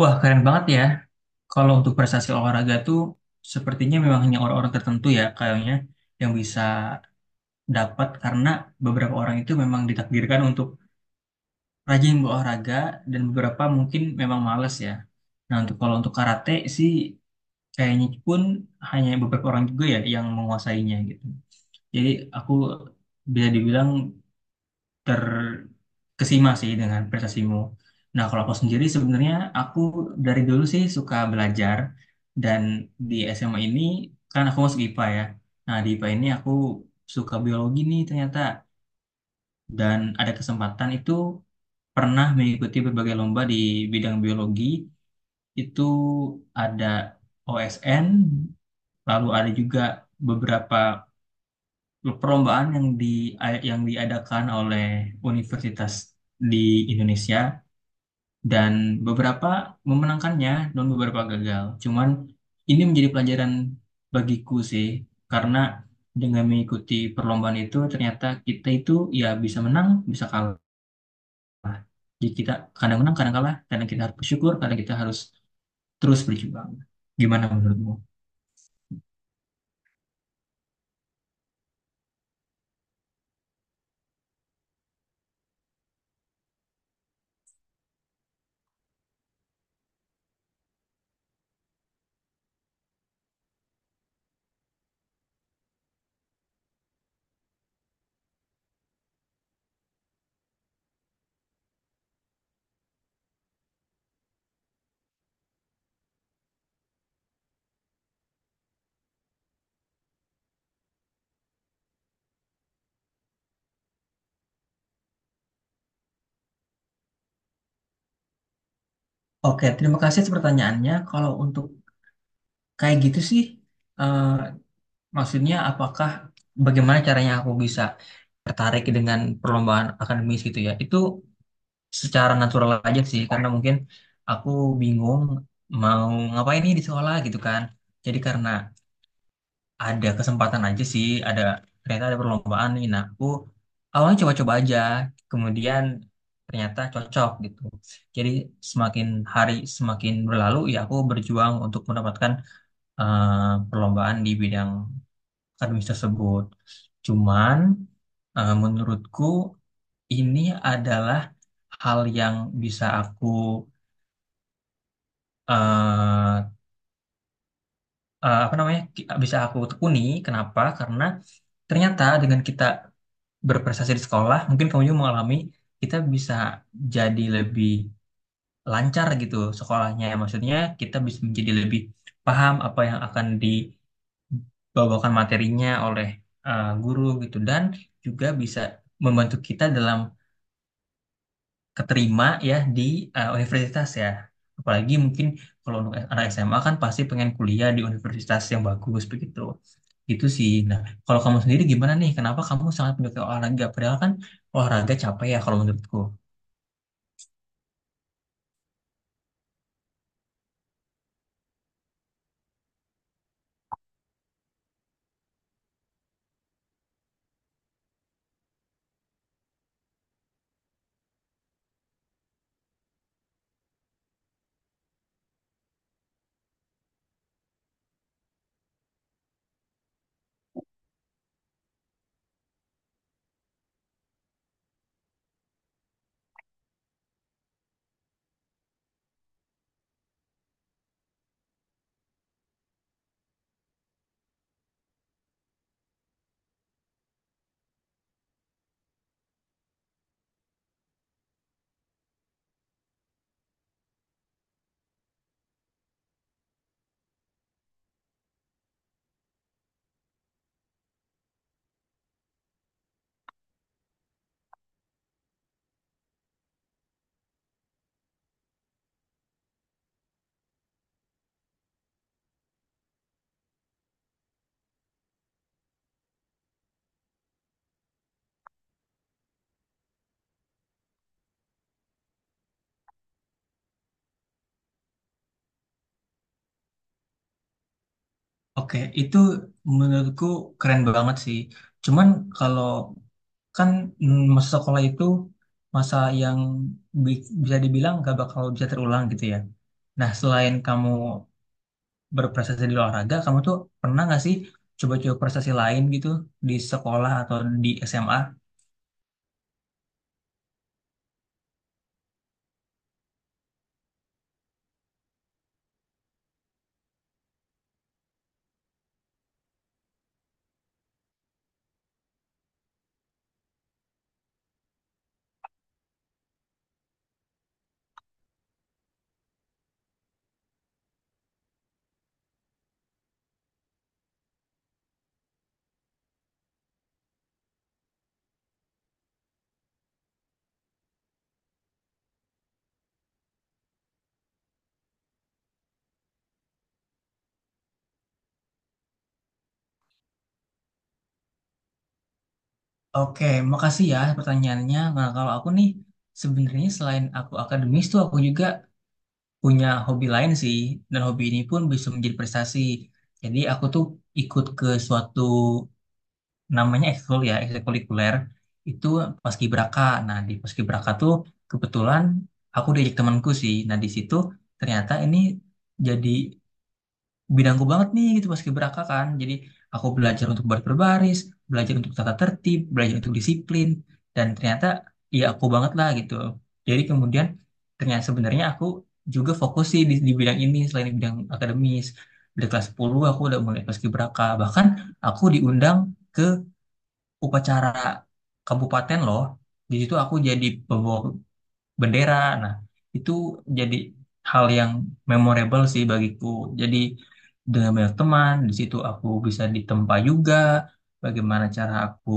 Wah, keren banget ya. Kalau untuk prestasi olahraga tuh sepertinya memang hanya orang-orang tertentu ya kayaknya yang bisa dapat karena beberapa orang itu memang ditakdirkan untuk rajin berolahraga dan beberapa mungkin memang males ya. Nah, kalau untuk karate sih kayaknya pun hanya beberapa orang juga ya yang menguasainya gitu. Jadi aku bisa dibilang terkesima sih dengan prestasimu. Nah, kalau aku sendiri sebenarnya aku dari dulu sih suka belajar dan di SMA ini kan aku masuk IPA ya. Nah, di IPA ini aku suka biologi nih ternyata dan ada kesempatan itu pernah mengikuti berbagai lomba di bidang biologi. Itu ada OSN, lalu ada juga beberapa perlombaan yang diadakan oleh universitas di Indonesia dan beberapa memenangkannya dan beberapa gagal. Cuman ini menjadi pelajaran bagiku sih karena dengan mengikuti perlombaan itu ternyata kita itu ya bisa menang, bisa kalah. Jadi kita kadang menang, kadang kalah, kadang kita harus bersyukur, kadang kita harus terus berjuang. Gimana menurutmu? Oke, terima kasih atas pertanyaannya. Kalau untuk kayak gitu sih, eh, maksudnya bagaimana caranya aku bisa tertarik dengan perlombaan akademis gitu ya? Itu secara natural aja sih karena mungkin aku bingung mau ngapain nih di sekolah gitu kan jadi karena ada kesempatan aja sih ternyata ada perlombaan nih, nah aku awalnya coba-coba aja kemudian ternyata cocok gitu. Jadi semakin hari semakin berlalu ya aku berjuang untuk mendapatkan perlombaan di bidang akademis tersebut. Cuman menurutku ini adalah hal yang bisa aku eh, tekuni. Kenapa? Karena ternyata dengan kita berprestasi di sekolah, mungkin kamu juga mengalami kita bisa jadi lebih lancar gitu sekolahnya. Ya. Maksudnya kita bisa menjadi lebih paham apa yang akan dibawakan materinya oleh guru gitu dan juga bisa membantu kita dalam keterima ya di universitas ya. Apalagi mungkin kalau untuk anak SMA kan pasti pengen kuliah di universitas yang bagus begitu. Gitu sih. Nah, kalau kamu sendiri gimana nih? Kenapa kamu sangat menyukai olahraga? Padahal kan olahraga capek ya kalau menurutku. Oke, itu menurutku keren banget sih. Cuman kalau kan, masa sekolah itu masa yang bisa dibilang gak bakal bisa terulang gitu ya. Nah, selain kamu berprestasi di olahraga, kamu tuh pernah nggak sih coba-coba prestasi lain gitu di sekolah atau di SMA? Oke, makasih ya pertanyaannya. Nah, kalau aku nih sebenarnya selain aku akademis tuh aku juga punya hobi lain sih dan hobi ini pun bisa menjadi prestasi. Jadi aku tuh ikut ke suatu namanya ekskul ya, ekstrakurikuler itu paskibraka. Nah, di paskibraka tuh kebetulan aku diajak temanku sih. Nah, di situ ternyata ini jadi bidangku banget nih gitu paskibraka kan. Jadi aku belajar untuk baris berbaris, belajar untuk tata tertib, belajar untuk disiplin dan ternyata ya aku banget lah gitu. Jadi kemudian ternyata sebenarnya aku juga fokus sih di bidang ini selain di bidang akademis. Dari kelas 10 aku udah mulai paskibraka. Bahkan aku diundang ke upacara kabupaten loh. Di situ aku jadi pembawa bendera. Nah, itu jadi hal yang memorable sih bagiku. Jadi dengan banyak teman, di situ aku bisa ditempa juga, bagaimana cara aku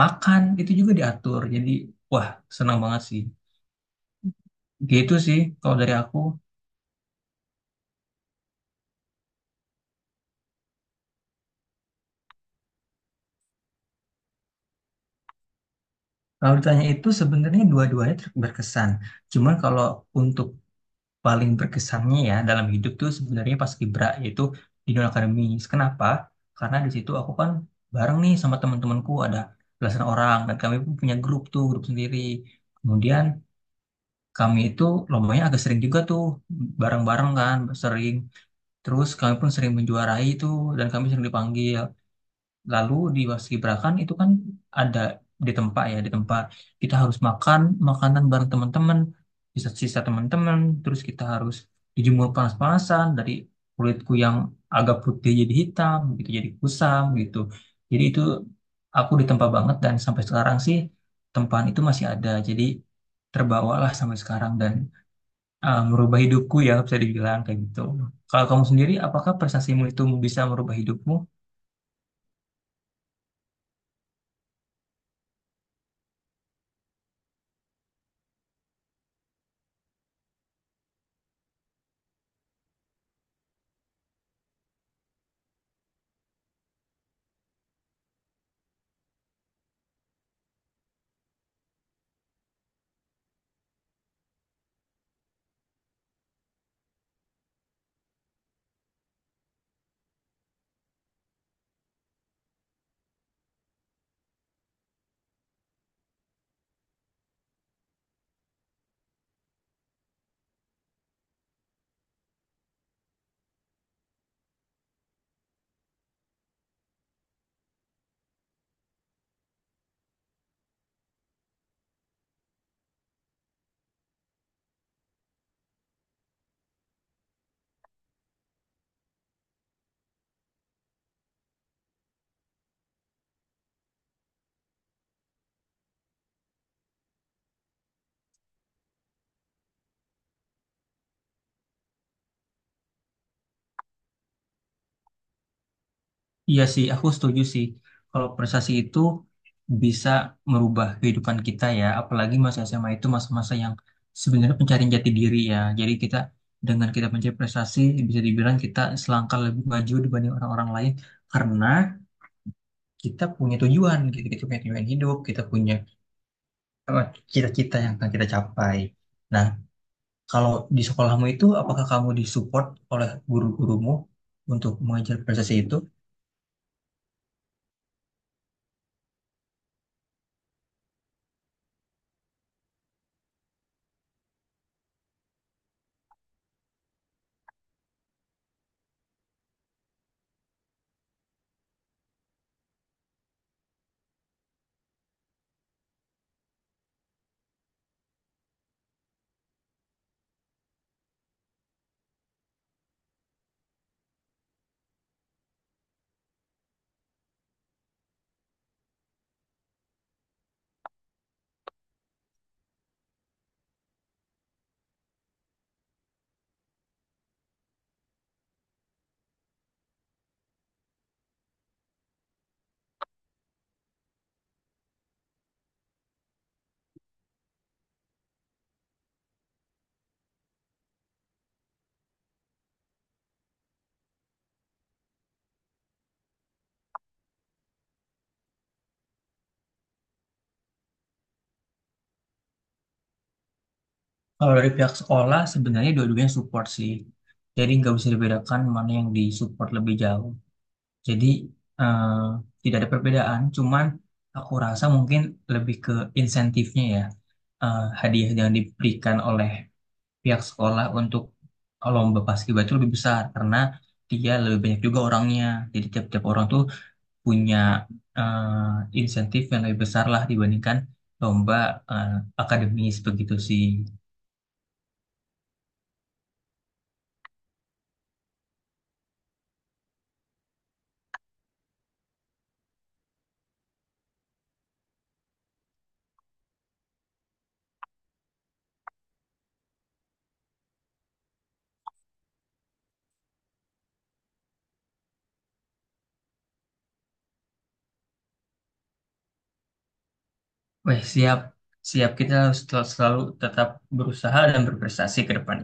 makan itu juga diatur. Jadi, wah, senang banget sih. Gitu sih kalau dari aku. Kalau ditanya itu sebenarnya dua-duanya berkesan. Cuman kalau untuk paling berkesannya ya dalam hidup tuh sebenarnya pas Kibra yaitu di dunia akademis. Kenapa? Karena di situ aku kan bareng nih sama teman-temanku ada belasan orang dan kami pun punya grup tuh grup sendiri. Kemudian kami itu lombanya agak sering juga tuh bareng-bareng kan sering. Terus kami pun sering menjuarai tuh dan kami sering dipanggil. Lalu di Wasibrakan itu kan ada di tempat ya, di tempat kita harus makan makanan bareng teman-teman, sisa-sisa teman-teman, terus kita harus dijemur panas-panasan, dari kulitku yang agak putih jadi hitam, gitu jadi kusam gitu. Jadi itu aku ditempa banget dan sampai sekarang sih tempaan itu masih ada. Jadi terbawalah sampai sekarang dan merubah hidupku ya bisa dibilang kayak gitu. Kalau kamu sendiri, apakah prestasimu itu bisa merubah hidupmu? Iya sih, aku setuju sih. Kalau prestasi itu bisa merubah kehidupan kita ya, apalagi masa SMA itu masa-masa yang sebenarnya pencarian jati diri ya. Jadi kita dengan kita mencari prestasi bisa dibilang kita selangkah lebih maju dibanding orang-orang lain karena kita punya tujuan, gitu. Kita punya tujuan hidup, kita punya eh, cita-cita yang akan kita capai. Nah, kalau di sekolahmu itu apakah kamu disupport oleh guru-gurumu untuk mengajar prestasi itu? Kalau dari pihak sekolah sebenarnya dua-duanya support sih. Jadi nggak bisa dibedakan mana yang disupport lebih jauh. Jadi, eh, tidak ada perbedaan. Cuman aku rasa mungkin lebih ke insentifnya ya. Hadiah yang diberikan oleh pihak sekolah untuk lomba paskibra itu lebih besar karena dia lebih banyak juga orangnya. Jadi tiap-tiap orang tuh punya insentif yang lebih besar lah dibandingkan lomba eh, akademis begitu sih. Wih, siap. Siap, kita harus selalu tetap berusaha dan berprestasi ke depan.